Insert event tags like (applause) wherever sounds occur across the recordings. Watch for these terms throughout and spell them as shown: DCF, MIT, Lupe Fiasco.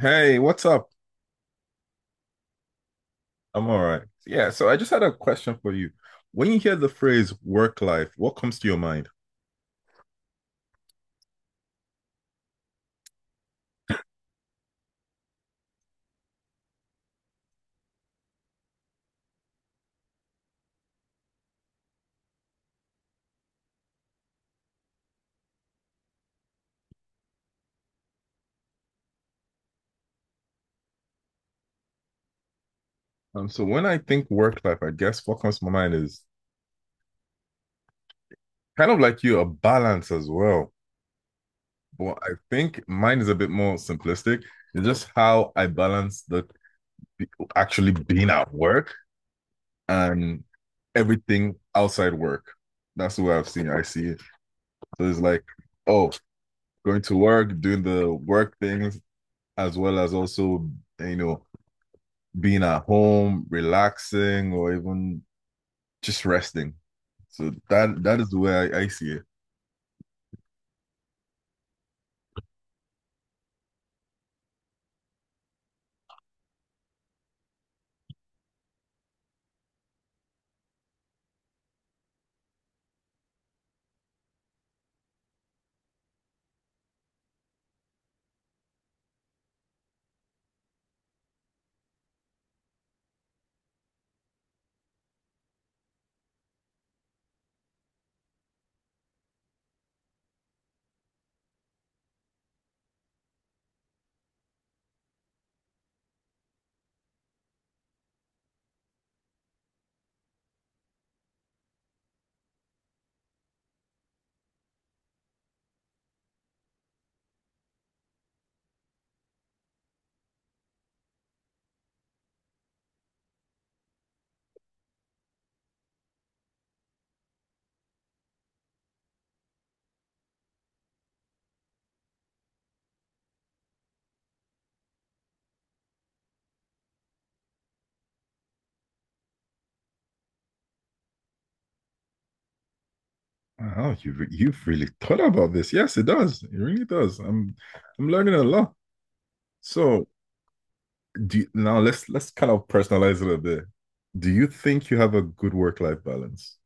Hey, what's up? I'm all right. Yeah, so I just had a question for you. When you hear the phrase work life, what comes to your mind? So when I think work life, I guess what comes to my mind is kind of like you, a balance as well. But I think mine is a bit more simplistic. It's just how I balance the actually being at work and everything outside work. That's the way I see it. So it's like, oh, going to work, doing the work things, as well as also, you know, being at home, relaxing, or even just resting. So that is the way I see it. Oh, you've really thought about this. Yes, it does. It really does. I'm learning a lot. So now let's kind of personalize it a bit. Do you think you have a good work life balance?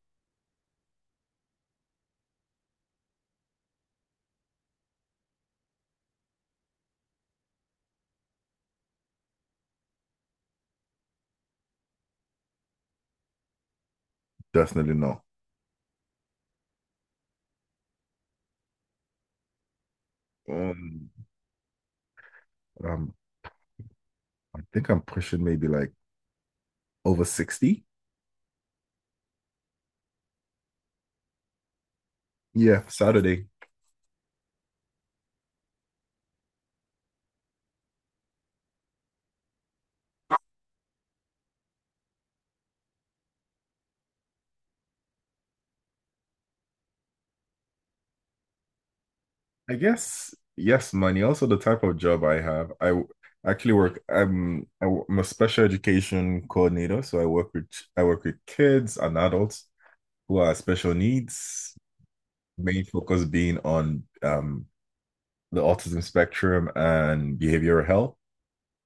Definitely not. Um, um, I think I'm pushing maybe like over 60. Yeah, Saturday. I guess yes, money. Also, the type of job I have. Actually work. I'm a special education coordinator, so I work with kids and adults who are special needs. Main focus being on the autism spectrum and behavioral health.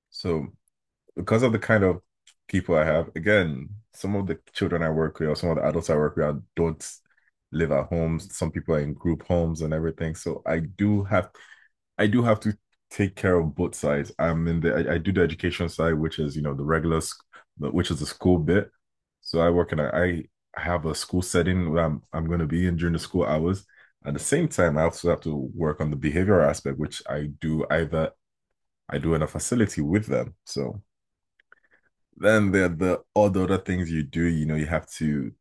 So because of the kind of people I have, again, some of the children I work with or some of the adults I work with don't live at homes. Some people are in group homes and everything. So I do have to take care of both sides. I do the education side, which is the regular, which is the school bit. So I have a school setting where I'm going to be in during the school hours. At the same time, I also have to work on the behavioral aspect, which I do in a facility with them. So then there are the all the other things you do. You know, you have to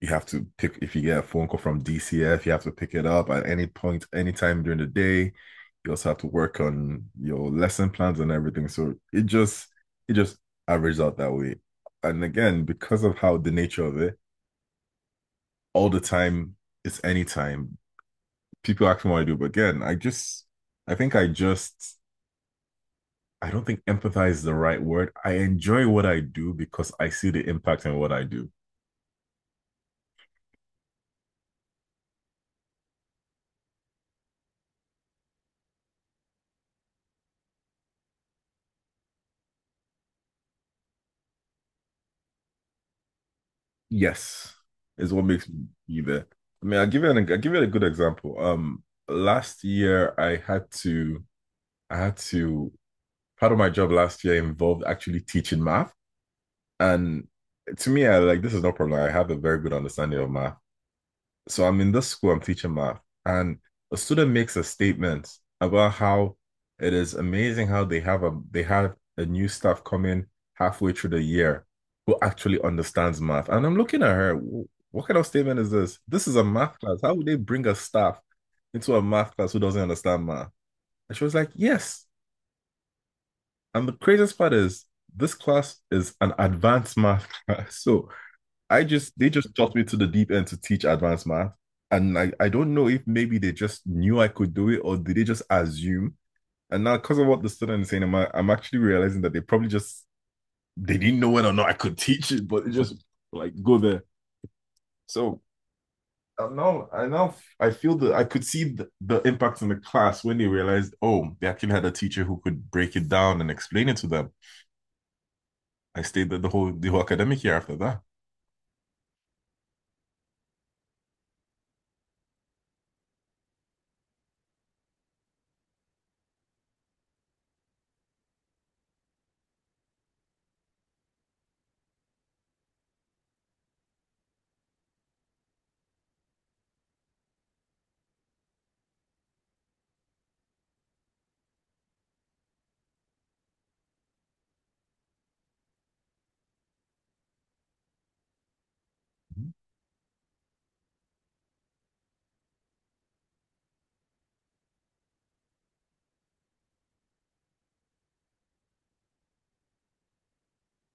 you have to pick if you get a phone call from DCF, you have to pick it up at any point, anytime during the day. You also have to work on your lesson plans and everything. So it just averages out that way. And again, because of how the nature of it, all the time it's any time people ask me what I do, but again, I just I think I just I don't think empathize is the right word. I enjoy what I do because I see the impact in what I do. Yes, is what makes you there. I mean, I'll give you a good example. Last year I had to part of my job last year involved actually teaching math. And to me, I like this is no problem. I have a very good understanding of math. So I'm in this school, I'm teaching math, and a student makes a statement about how it is amazing how they have a new staff coming halfway through the year who actually understands math. And I'm looking at her, What kind of statement is this? This is a math class. How would they bring a staff into a math class who doesn't understand math?" And she was like, yes. And the craziest part is this class is an advanced math (laughs) class. So I just they just tossed me to the deep end to teach advanced math. And I don't know if maybe they just knew I could do it or did they just assume? And now because of what the student is saying, I'm actually realizing that they probably just they didn't know whether or not I could teach it, but it just like go there. So now I feel that I could see the impact in the class when they realized, oh, they actually had a teacher who could break it down and explain it to them. I stayed there the whole academic year after that.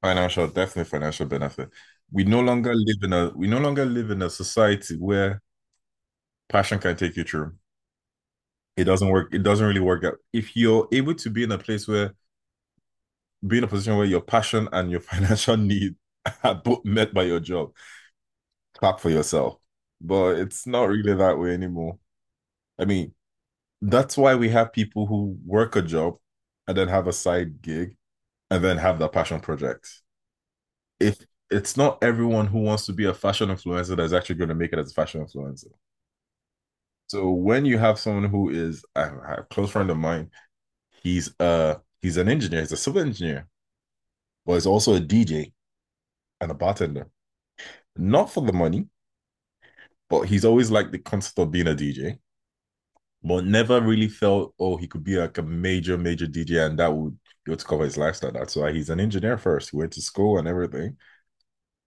Financial, definitely financial benefit. We no longer live in a we no longer live in a society where passion can take you through. It doesn't work. It doesn't really work out. If you're able to be in a position where your passion and your (laughs) financial need are both met by your job, clap for yourself. But it's not really that way anymore. I mean, that's why we have people who work a job and then have a side gig and then have that passion project. If it's not everyone who wants to be a fashion influencer that's actually going to make it as a fashion influencer. So when you have someone who is I have a close friend of mine. He's an engineer, he's a civil engineer, but he's also a DJ and a bartender. Not for the money, but he's always liked the concept of being a DJ, but never really felt oh he could be like a major major DJ and that would go to cover his lifestyle. That's why he's an engineer first. He went to school and everything,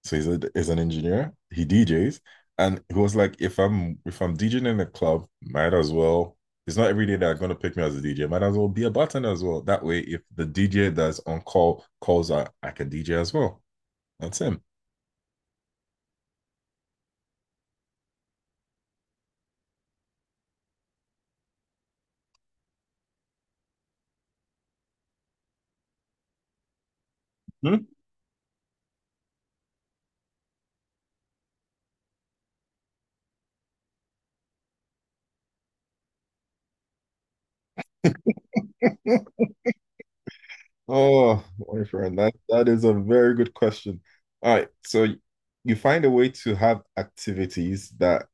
so he's an engineer. He DJs, and he was like, if I'm DJing in a club, might as well. It's not every day they're gonna pick me as a DJ. Might as well be a bartender as well. That way, if the DJ that's on call calls, I can DJ as well. That's him. Hmm? (laughs) Oh, my friend, that is a very good question. All right, so you find a way to have activities that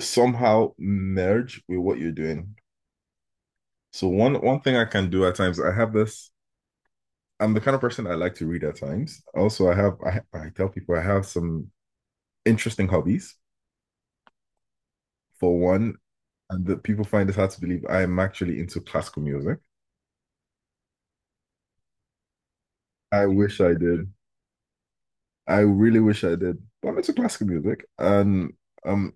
somehow merge with what you're doing. So one thing I can do at times, I have this I'm the kind of person I like to read at times. Also, I tell people I have some interesting hobbies. For one, and that people find it hard to believe I am actually into classical music. I wish I did. I really wish I did. But I'm into classical music, and um,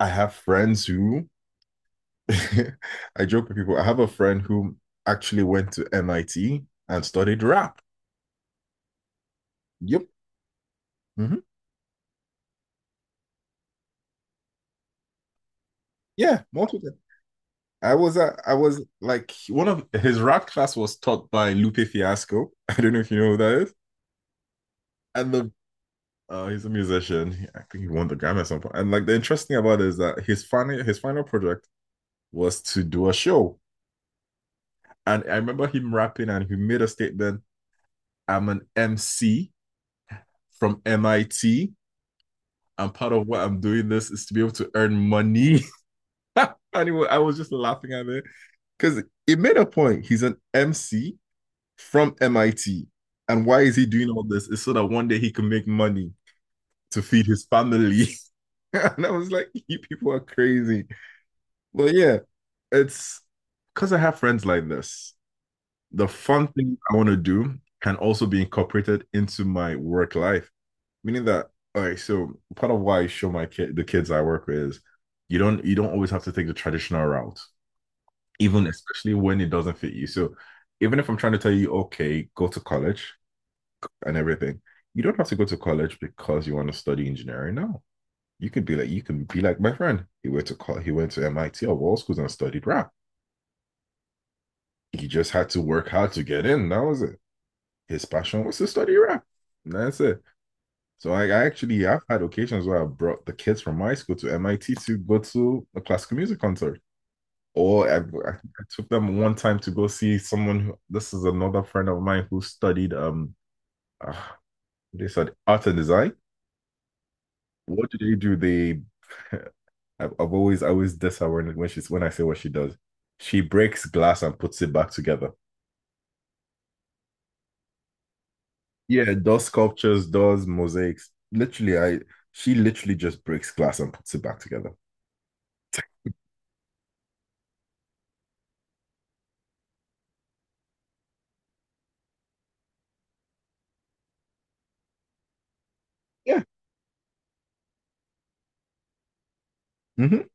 I have friends who (laughs) I joke with people. I have a friend who actually went to MIT and studied rap. Yep. Hmm. Yeah, multiple. I was like one of his rap class was taught by Lupe Fiasco. (laughs) I don't know if you know who that is. And the He's a musician. I think he won the Grammy at some point. And like the interesting thing about it is that his final project was to do a show. And I remember him rapping and he made a statement, "I'm an MC from MIT. And part of what I'm doing this is to be able to earn money." (laughs) Anyway, I was just laughing at it. Because it made a point. He's an MC from MIT. And why is he doing all this? It's so that one day he can make money to feed his family. (laughs) And I was like, you people are crazy. But yeah, it's because I have friends like this. The fun thing I want to do can also be incorporated into my work life, meaning that, all right. So part of why I show my kid the kids I work with is you don't always have to take the traditional route, even especially when it doesn't fit you. So even if I'm trying to tell you, okay, go to college, and everything. You don't have to go to college because you want to study engineering. No, you can be like my friend. He went to MIT or all schools and studied rap. He just had to work hard to get in. That was it. His passion was to study rap. And that's it. So I've had occasions where I brought the kids from my school to MIT to go to a classical music concert. Or I took them one time to go see someone. This is another friend of mine who studied uh, they said art and design. What did you do? The (laughs) I always diss her when she's when I say what she does. She breaks glass and puts it back together. Yeah, does sculptures, does mosaics. Literally, I she literally just breaks glass and puts it back together. Yeah. Hmm.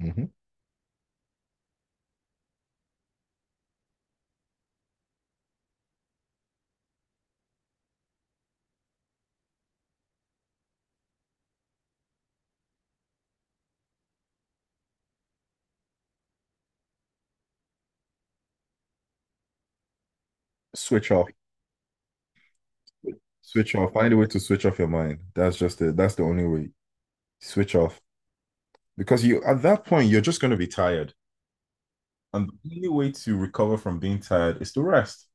Hmm. Switch off. Switch off. Find a way to switch off your mind. That's just it. That's the only way. Switch off. Because you at that point you're just going to be tired. And the only way to recover from being tired is to rest.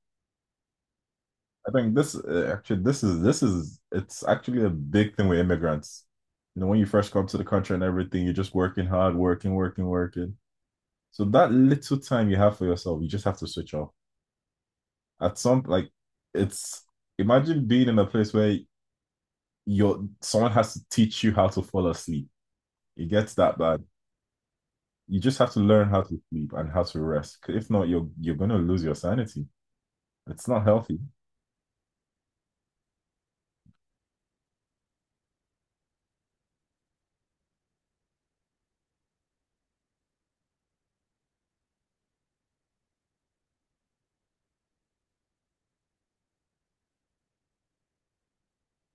I think this actually this is it's actually a big thing with immigrants. You know, when you first come to the country and everything, you're just working hard, working, working, working. So that little time you have for yourself, you just have to switch off. At some like it's Imagine being in a place where you're someone has to teach you how to fall asleep. It gets that bad. You just have to learn how to sleep and how to rest. 'Cause if not, you're gonna lose your sanity. It's not healthy.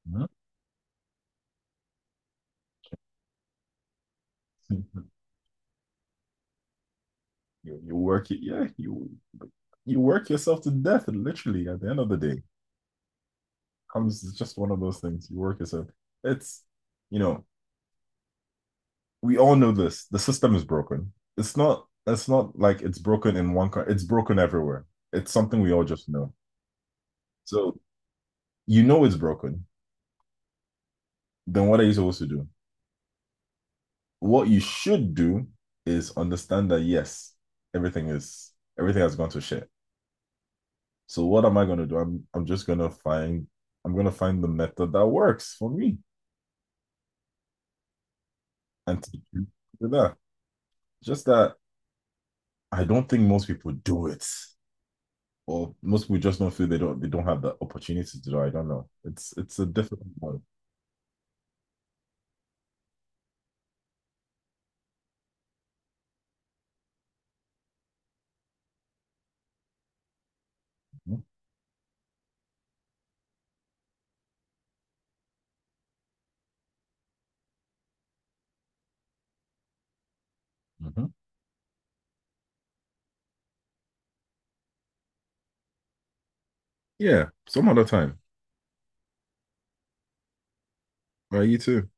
No. (laughs) You work it, yeah. You work yourself to death, literally. At the end of the day, comes it's just one of those things. You work yourself. It's you know we all know this. The system is broken. It's not. It's not like it's broken in one. It's broken everywhere. It's something we all just know. So you know it's broken. Then what are you supposed to do? What you should do is understand that yes, everything is everything has gone to shit. So what am I going to do? I'm just going to find the method that works for me and teach you that. Just that I don't think most people do it. Or most people just don't feel they don't have the opportunity to do it. I don't know. It's a difficult one. Mhm. Yeah, some other time. All right, you too.